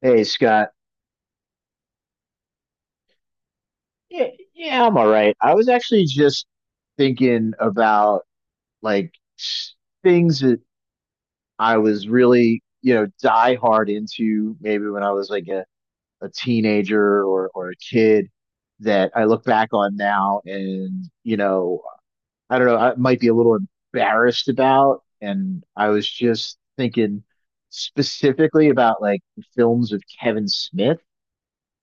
Hey Scott. Yeah, yeah, I'm all right. I was actually just thinking about like s- things that I was really, you know, die hard into maybe when I was like a teenager or a kid that I look back on now and, you know, I don't know, I might be a little embarrassed about. And I was just thinking specifically about like films of Kevin Smith.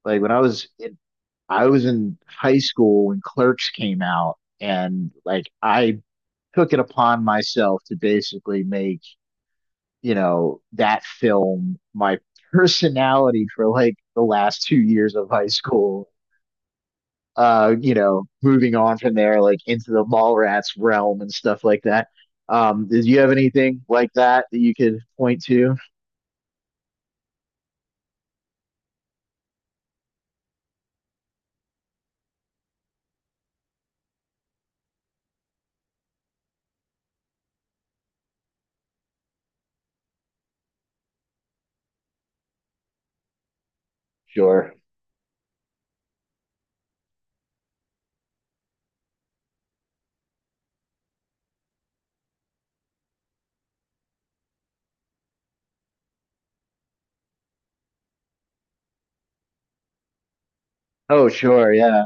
Like when I was in. I was in high school when Clerks came out, and like I took it upon myself to basically make, you know, that film my personality for like the last 2 years of high school. You know, moving on from there, like into the Mallrats realm and stuff like that. Did you have anything like that that you could point to? Sure. Oh, sure. Yeah.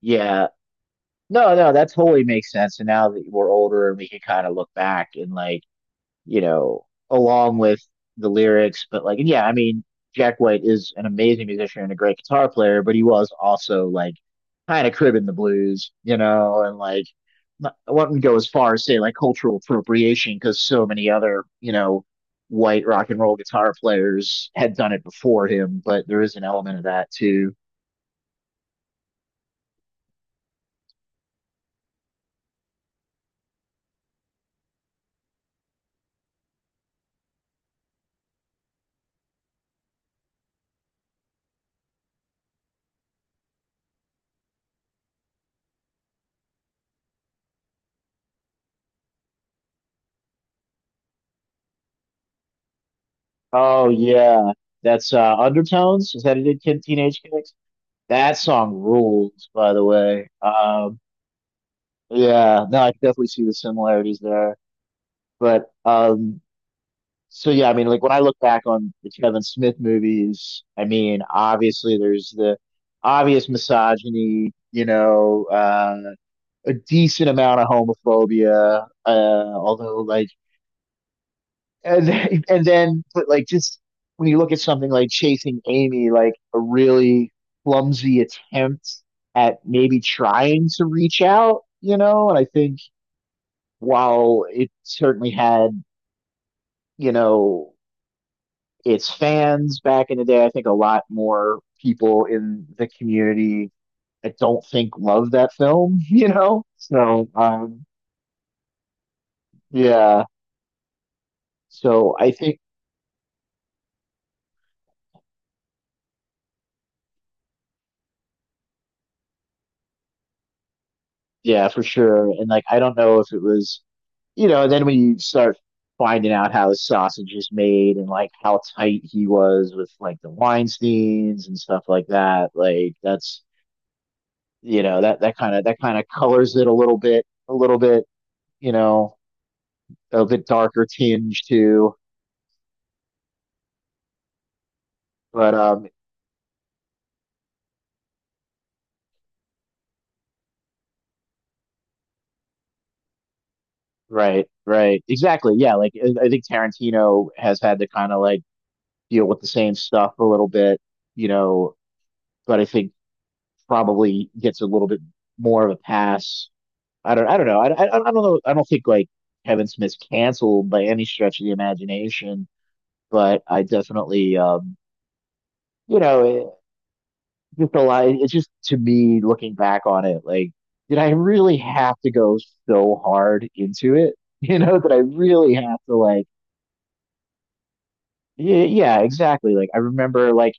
Yeah. No, no, that totally makes sense. And now that we're older and we can kind of look back and like, you know, along with the lyrics. But like, yeah, I mean, Jack White is an amazing musician and a great guitar player, but he was also like kind of cribbing the blues, you know, and like not, I wouldn't go as far as say like cultural appropriation because so many other, you know, white rock and roll guitar players had done it before him, but there is an element of that too. Oh yeah, that's Undertones. Is that it? Teenage Kicks. That song rules, by the way. Yeah, no, I can definitely see the similarities there. But um, so yeah, I mean like when I look back on the Kevin Smith movies, I mean obviously there's the obvious misogyny, you know, a decent amount of homophobia, although like and then but like just when you look at something like Chasing Amy, like a really clumsy attempt at maybe trying to reach out, you know, and I think while it certainly had, you know, its fans back in the day, I think a lot more people in the community I don't think love that film, you know? So, yeah. So I think, yeah, for sure. And like, I don't know if it was, you know, then when you start finding out how his sausage is made and like how tight he was with like the Weinsteins and stuff like that, like that's, you know, that kind of colors it a little bit, a little bit. You know, a bit darker tinge too. But right, right, exactly. Yeah, like I think Tarantino has had to kind of like deal with the same stuff a little bit, you know. But I think probably gets a little bit more of a pass. I don't know. I don't know. I don't think like Kevin Smith's canceled by any stretch of the imagination, but I definitely, you know, just a lot. It's just to me looking back on it, like, did I really have to go so hard into it? You know, that I really have to like, yeah, yeah, exactly. Like I remember like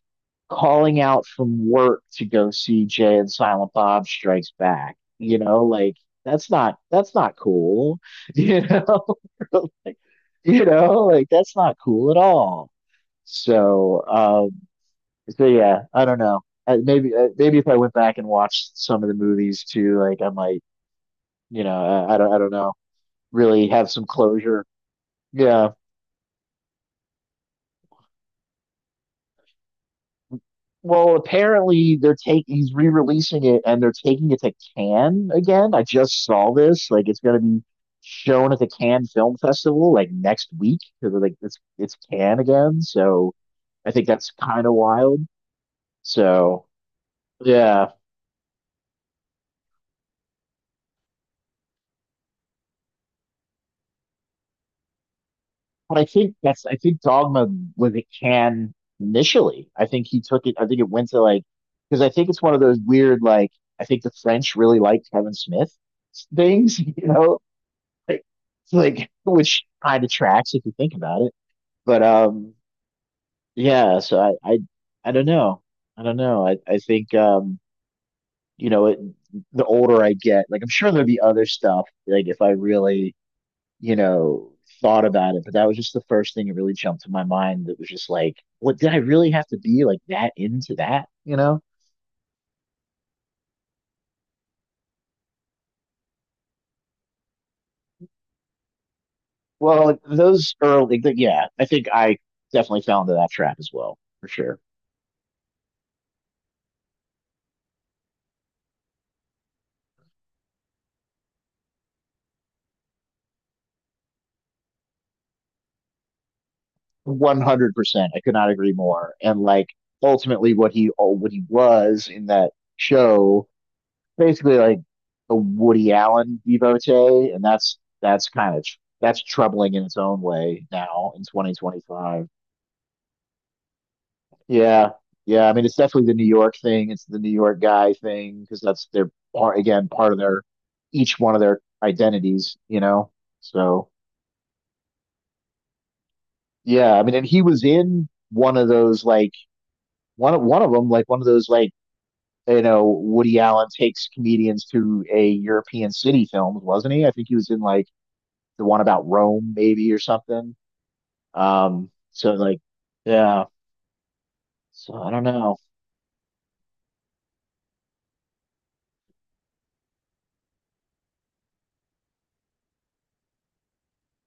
calling out from work to go see Jay and Silent Bob Strikes Back. You know, like that's not cool. You know, like, you know, like that's not cool at all. So, so yeah, I don't know. Maybe if I went back and watched some of the movies too, like I might, you know, I don't know, really have some closure. Yeah. Well, apparently they're taking he's re-releasing it and they're taking it to Cannes again. I just saw this. Like it's gonna be shown at the Cannes Film Festival like next week because like it's Cannes again. So I think that's kind of wild. So yeah. But I think that's I think Dogma was a can initially. I think he took it. I think it went to like because I think it's one of those weird like I think the French really liked Kevin Smith things, you know, like it's like which kind of tracks if you think about it. But yeah. So I don't know. I don't know. I think you know, it, the older I get, like I'm sure there'll be other stuff like if I really you know, thought about it, but that was just the first thing that really jumped to my mind that was just like, what did I really have to be like that into that, you know? Well, like, those early, like, yeah, I think I definitely fell into that trap as well, for sure. 100%. I could not agree more. And like ultimately what he oh, what he was in that show, basically like a Woody Allen devotee, and that's kind of that's troubling in its own way now in 2025. Yeah. Yeah. I mean, it's definitely the New York thing. It's the New York guy thing because that's their part, again, part of their, each one of their identities, you know? So, yeah. I mean, and he was in one of those, like, one of those, like, you know, Woody Allen takes comedians to a European city films, wasn't he? I think he was in, like, the one about Rome, maybe, or something. So, like, yeah. So I don't know.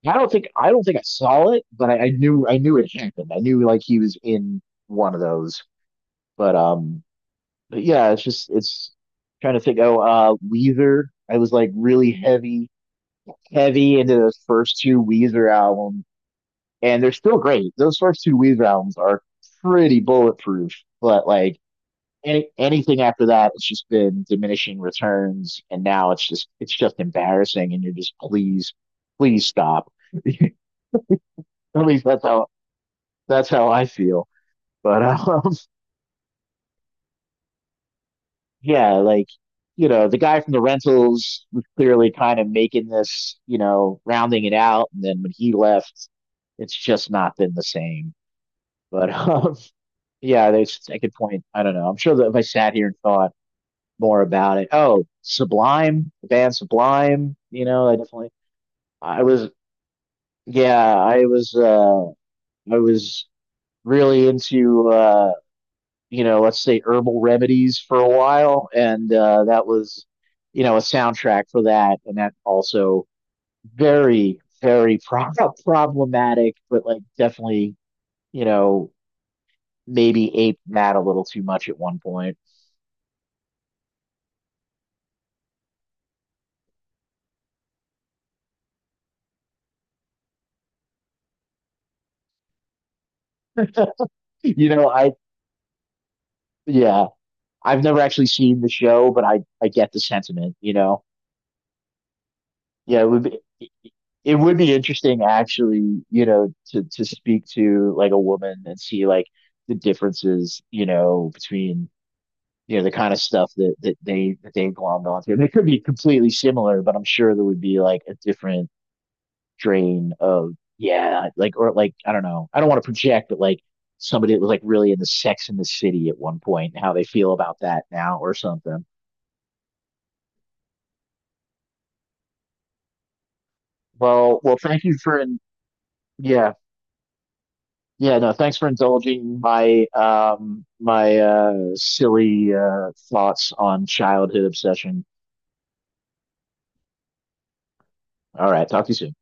I don't think I saw it, but I knew it happened. I knew like he was in one of those. But um, but yeah, it's just it's trying to think. Oh, Weezer. I was like really heavy, heavy into those first two Weezer albums, and they're still great. Those first two Weezer albums are pretty bulletproof, but like anything after that, it's just been diminishing returns, and now it's just embarrassing, and you're just please, please stop. At least that's how that's how I feel. But yeah, like you know, the guy from the rentals was clearly kind of making this, you know, rounding it out, and then when he left, it's just not been the same. But yeah, there's I could point. I don't know. I'm sure that if I sat here and thought more about it, oh, Sublime, the band Sublime, you know, I definitely, I was, yeah, I was really into you know, let's say herbal remedies for a while, and that was, you know, a soundtrack for that, and that also very, very problematic, but like definitely, you know, maybe aped that a little too much at one point. You know, I yeah, I've never actually seen the show, but I get the sentiment. You know, yeah, it would be. It would be interesting, actually, you know, to speak to like a woman and see like the differences, you know, between you know the kind of stuff that that they glommed onto. They could be completely similar, but I'm sure there would be like a different strain of yeah, like or like I don't know. I don't want to project, but like somebody that was like really into Sex in the City at one point, and how they feel about that now or something. Well, well, thank you for in, yeah. Yeah, no, thanks for indulging my my silly thoughts on childhood obsession. All right, talk to you soon.